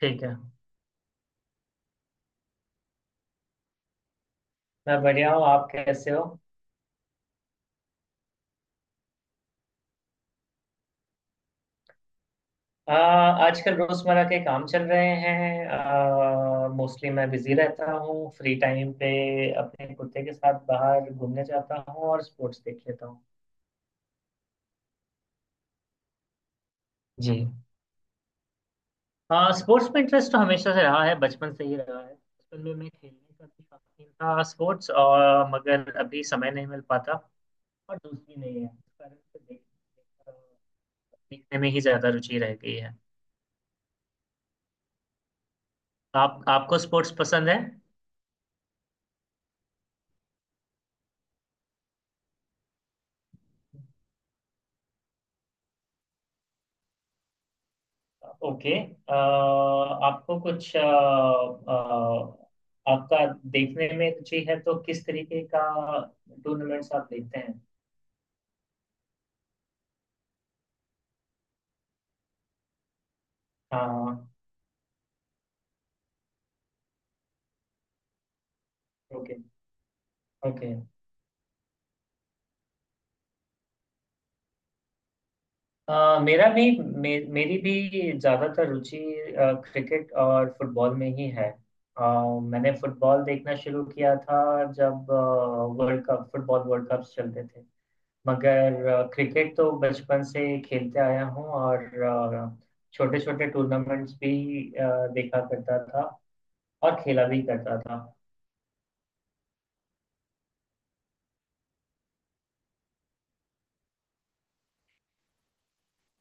ठीक है। मैं बढ़िया हूँ, आप कैसे हो? आ, आजकल रोजमर्रा के काम चल रहे हैं। मोस्टली मैं बिजी रहता हूँ। फ्री टाइम पे अपने कुत्ते के साथ बाहर घूमने जाता हूँ और स्पोर्ट्स देख लेता हूँ। जी, स्पोर्ट्स में इंटरेस्ट तो हमेशा से रहा है, बचपन से ही रहा है। बचपन में मैं खेलने का भी शौकीन था स्पोर्ट्स और, मगर अभी समय नहीं मिल पाता और दोस्ती नहीं है, इस कारण से देखने में ही ज्यादा रुचि रह गई है। आप आपको स्पोर्ट्स पसंद है? ओके। आपको कुछ आपका देखने में रुचि है तो किस तरीके का टूर्नामेंट्स आप देखते हैं? हाँ। ओके। ओके। मेरा भी मेरी भी ज़्यादातर रुचि क्रिकेट और फुटबॉल में ही है। मैंने फुटबॉल देखना शुरू किया था जब world cup, football world cups चलते थे। मगर क्रिकेट तो बचपन से खेलते आया हूँ और छोटे छोटे टूर्नामेंट्स भी देखा करता था और खेला भी करता था।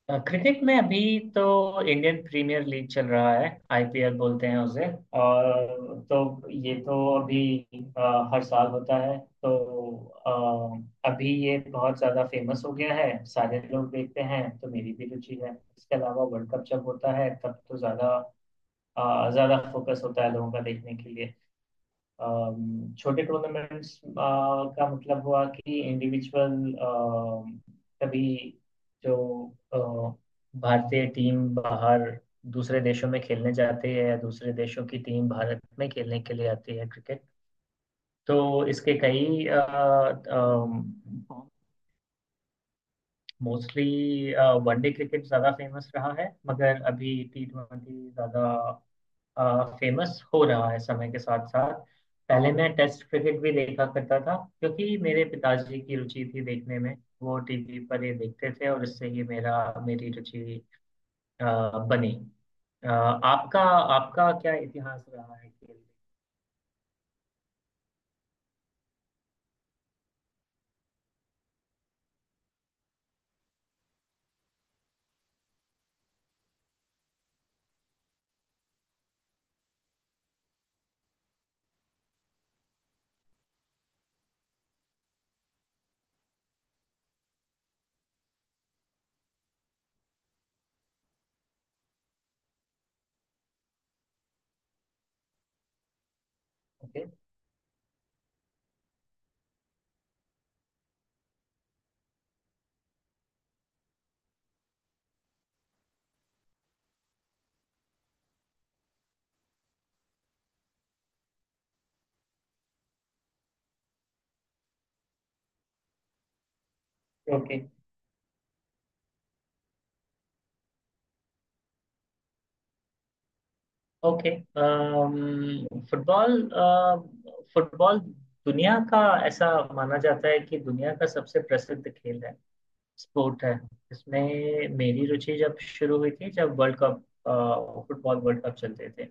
क्रिकेट में अभी तो इंडियन प्रीमियर लीग चल रहा है, आईपीएल बोलते हैं उसे। और तो ये तो अभी हर साल होता है तो अभी ये बहुत ज़्यादा फेमस हो गया है, सारे लोग देखते हैं तो मेरी भी रुचि है। इसके अलावा वर्ल्ड कप जब होता है तब तो ज़्यादा ज़्यादा फोकस होता है लोगों का देखने के लिए। छोटे टूर्नामेंट्स का मतलब हुआ कि इंडिविजुअल कभी जो अ, भारतीय टीम बाहर दूसरे देशों में खेलने जाती है या दूसरे देशों की टीम भारत में खेलने के लिए आती है क्रिकेट। तो इसके कई मोस्टली वनडे क्रिकेट ज़्यादा फेमस रहा है, मगर अभी टी ट्वेंटी ज़्यादा फेमस हो रहा है समय के साथ साथ। पहले मैं टेस्ट क्रिकेट भी देखा करता था, क्योंकि मेरे पिताजी की रुचि थी देखने में। वो टीवी पर ये देखते थे और इससे ही मेरा मेरी रुचि अ, बनी। अ, आपका आपका क्या इतिहास रहा है खेल में? Okay. Okay. Okay. Football football दुनिया का ऐसा माना जाता है कि दुनिया का सबसे प्रसिद्ध खेल है, स्पोर्ट है। इसमें मेरी रुचि जब शुरू हुई थी जब world cup, football world cup चलते थे।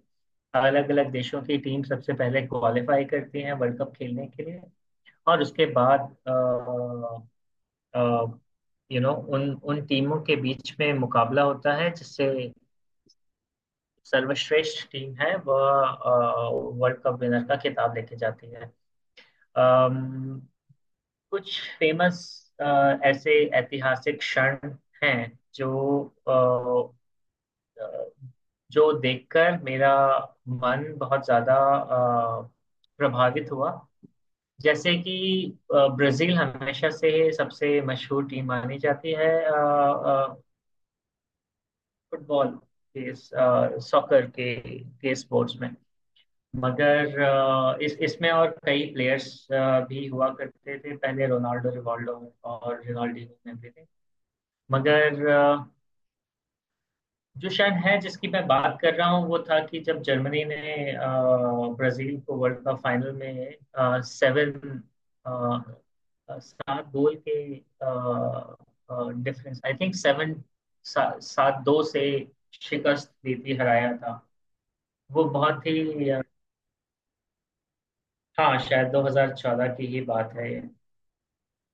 अलग अलग देशों की टीम सबसे पहले क्वालिफाई करती हैं वर्ल्ड कप खेलने के लिए, और उसके बाद यू नो उन उन टीमों के बीच में मुकाबला होता है जिससे सर्वश्रेष्ठ टीम है, वह वर्ल्ड कप विनर का खिताब लेके जाती है। अम, कुछ फेमस ऐसे ऐतिहासिक क्षण हैं जो अ, जो देखकर मेरा मन बहुत ज्यादा प्रभावित हुआ। जैसे कि ब्राजील हमेशा से सबसे मशहूर टीम मानी जाती है फुटबॉल के, सॉकर के स्पोर्ट्स में। मगर इस इसमें और कई प्लेयर्स भी हुआ करते थे पहले, रोनाल्डो, रिवाल्डो और रोनाल्डिनो में भी थे। मगर जो शायद है जिसकी मैं बात कर रहा हूँ, वो था कि जब जर्मनी ने ब्राजील को वर्ल्ड कप फाइनल में अ, सात गोल के डिफरेंस, आई थिंक सात दो से शिकस्त दी थी, हराया था। वो बहुत ही हाँ, शायद 2014 की ही बात है ये।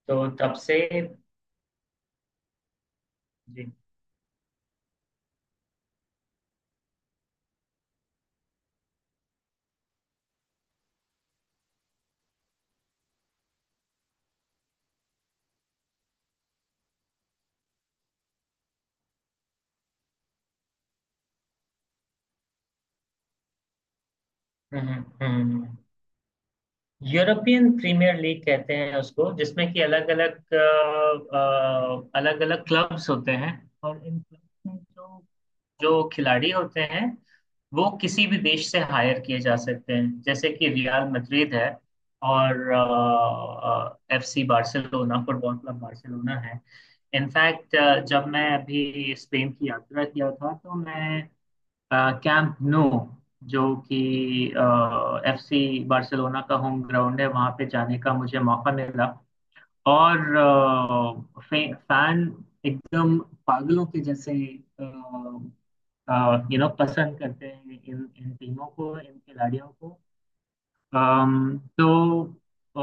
तो तब से जी। हम्म। हम्म। हम्म। यूरोपियन प्रीमियर लीग कहते हैं उसको, जिसमें कि अलग अलग क्लब्स होते हैं और इन क्लब्स में जो जो खिलाड़ी होते हैं वो किसी भी देश से हायर किए जा सकते हैं। जैसे कि रियल मैड्रिड है और FC Barcelona, football club Barcelona है। इनफैक्ट जब मैं अभी स्पेन की यात्रा किया था तो मैं कैंप नो, जो कि एफसी बार्सिलोना का होम ग्राउंड है, वहां पे जाने का मुझे मौका मिला। और फैन एकदम पागलों के जैसे यू नो पसंद करते हैं इन इन टीमों को, इन खिलाड़ियों को। तो अ,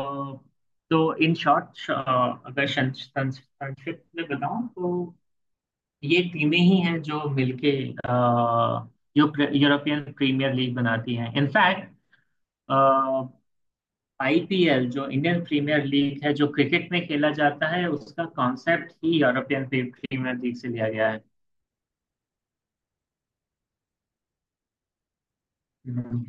तो इन शॉर्ट, अगर संक्षिप्त में बताऊं तो ये टीमें ही हैं जो मिलके यूरोपियन प्रीमियर लीग बनाती हैं। इनफैक्ट आईपीएल, जो इंडियन प्रीमियर लीग है, जो क्रिकेट में खेला जाता है, उसका कॉन्सेप्ट ही प्रीमियर लीग से लिया गया है। हम्म।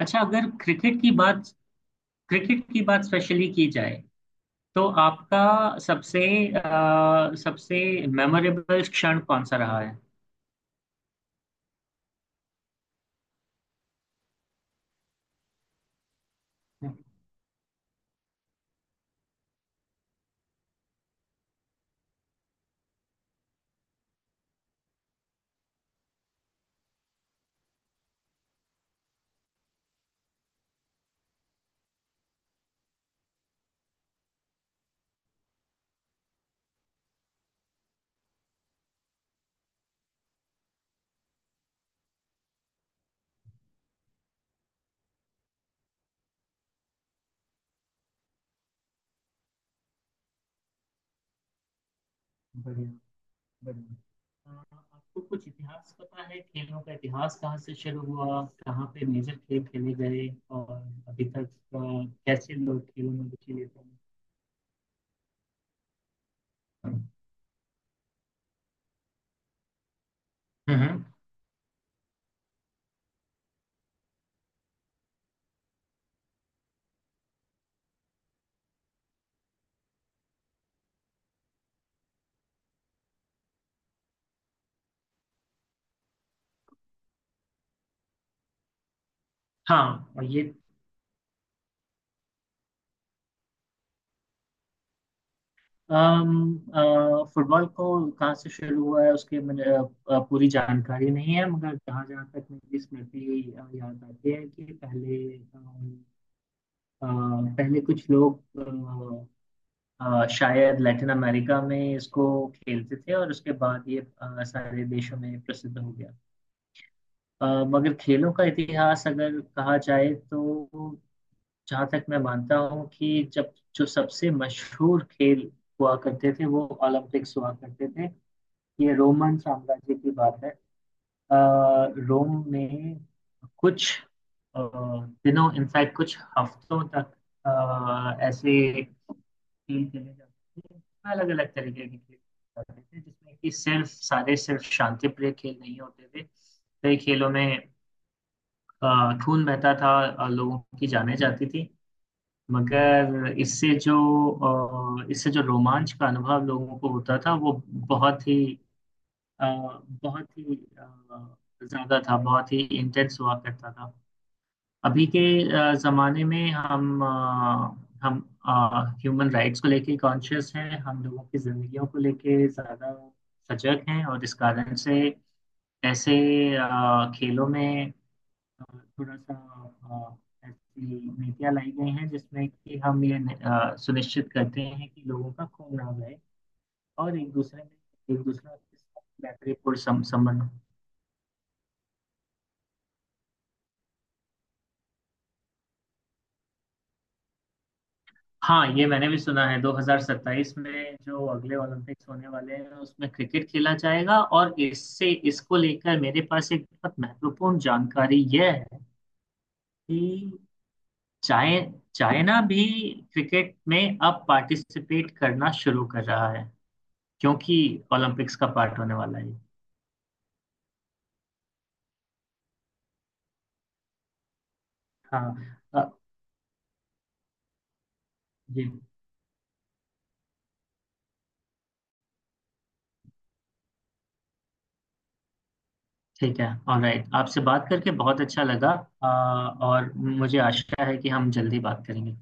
अच्छा, अगर क्रिकेट की बात स्पेशली की जाए तो आपका सबसे सबसे मेमोरेबल क्षण कौन सा रहा है? बढ़िया। बढ़िया। अ, आपको कुछ इतिहास पता है, खेलों का इतिहास कहाँ से शुरू हुआ, कहाँ पे मेजर खेल खेले गए और अभी तक अ, कैसे लोग खेलों में रुचि लेते हैं? हम्म। हाँ और ये फुटबॉल को कहाँ से शुरू हुआ है उसके मुझे पूरी जानकारी नहीं है, मगर जहाँ जहाँ तक मेरी स्मृति याद आती है कि पहले अ, पहले कुछ लोग शायद लैटिन अमेरिका में इसको खेलते थे और उसके बाद ये सारे देशों में प्रसिद्ध हो गया। मगर खेलों का इतिहास अगर कहा जाए तो जहाँ तक मैं मानता हूँ कि जब जो सबसे मशहूर खेल हुआ करते थे वो ओलंपिक्स हुआ करते थे। ये रोमन साम्राज्य की बात है। अ, रोम में कुछ अ, दिनों, इनफैक्ट कुछ हफ्तों तक ऐसे खेल खेले जाते थे, अलग अलग तरीके के खेल जाते थे, जिसमें कि सिर्फ शांति प्रिय खेल नहीं होते थे। कई खेलों में खून बहता था, लोगों की जानें जाती थी। मगर इससे जो रोमांच का अनुभव लोगों को होता था वो बहुत ही अ, बहुत ही ज्यादा था, बहुत ही इंटेंस हुआ करता था। अभी के ज़माने में हम ह्यूमन राइट्स को लेके कॉन्शियस हैं, हम लोगों की ज़िंदगियों को लेके ज़्यादा सजग हैं और इस कारण से ऐसे खेलों में अ, थोड़ा सा ऐसी नीतियाँ लाई गई हैं जिसमें कि हम ये सुनिश्चित करते हैं कि लोगों का खून ना बहे और एक दूसरे में, एक दूसरे के साथ मैत्रीपूर्ण संबंध। हाँ, ये मैंने भी सुना है, 2027 में जो अगले ओलंपिक्स होने वाले हैं उसमें क्रिकेट खेला जाएगा, और इससे इसको लेकर मेरे पास एक बहुत महत्वपूर्ण जानकारी यह है कि चाइ चाइना भी क्रिकेट में अब पार्टिसिपेट करना शुरू कर रहा है, क्योंकि ओलंपिक्स का पार्ट होने वाला है। हाँ। जी, ठीक है। ऑलराइट, आपसे बात करके बहुत अच्छा लगा। अ, और मुझे आशा है कि हम जल्दी बात करेंगे।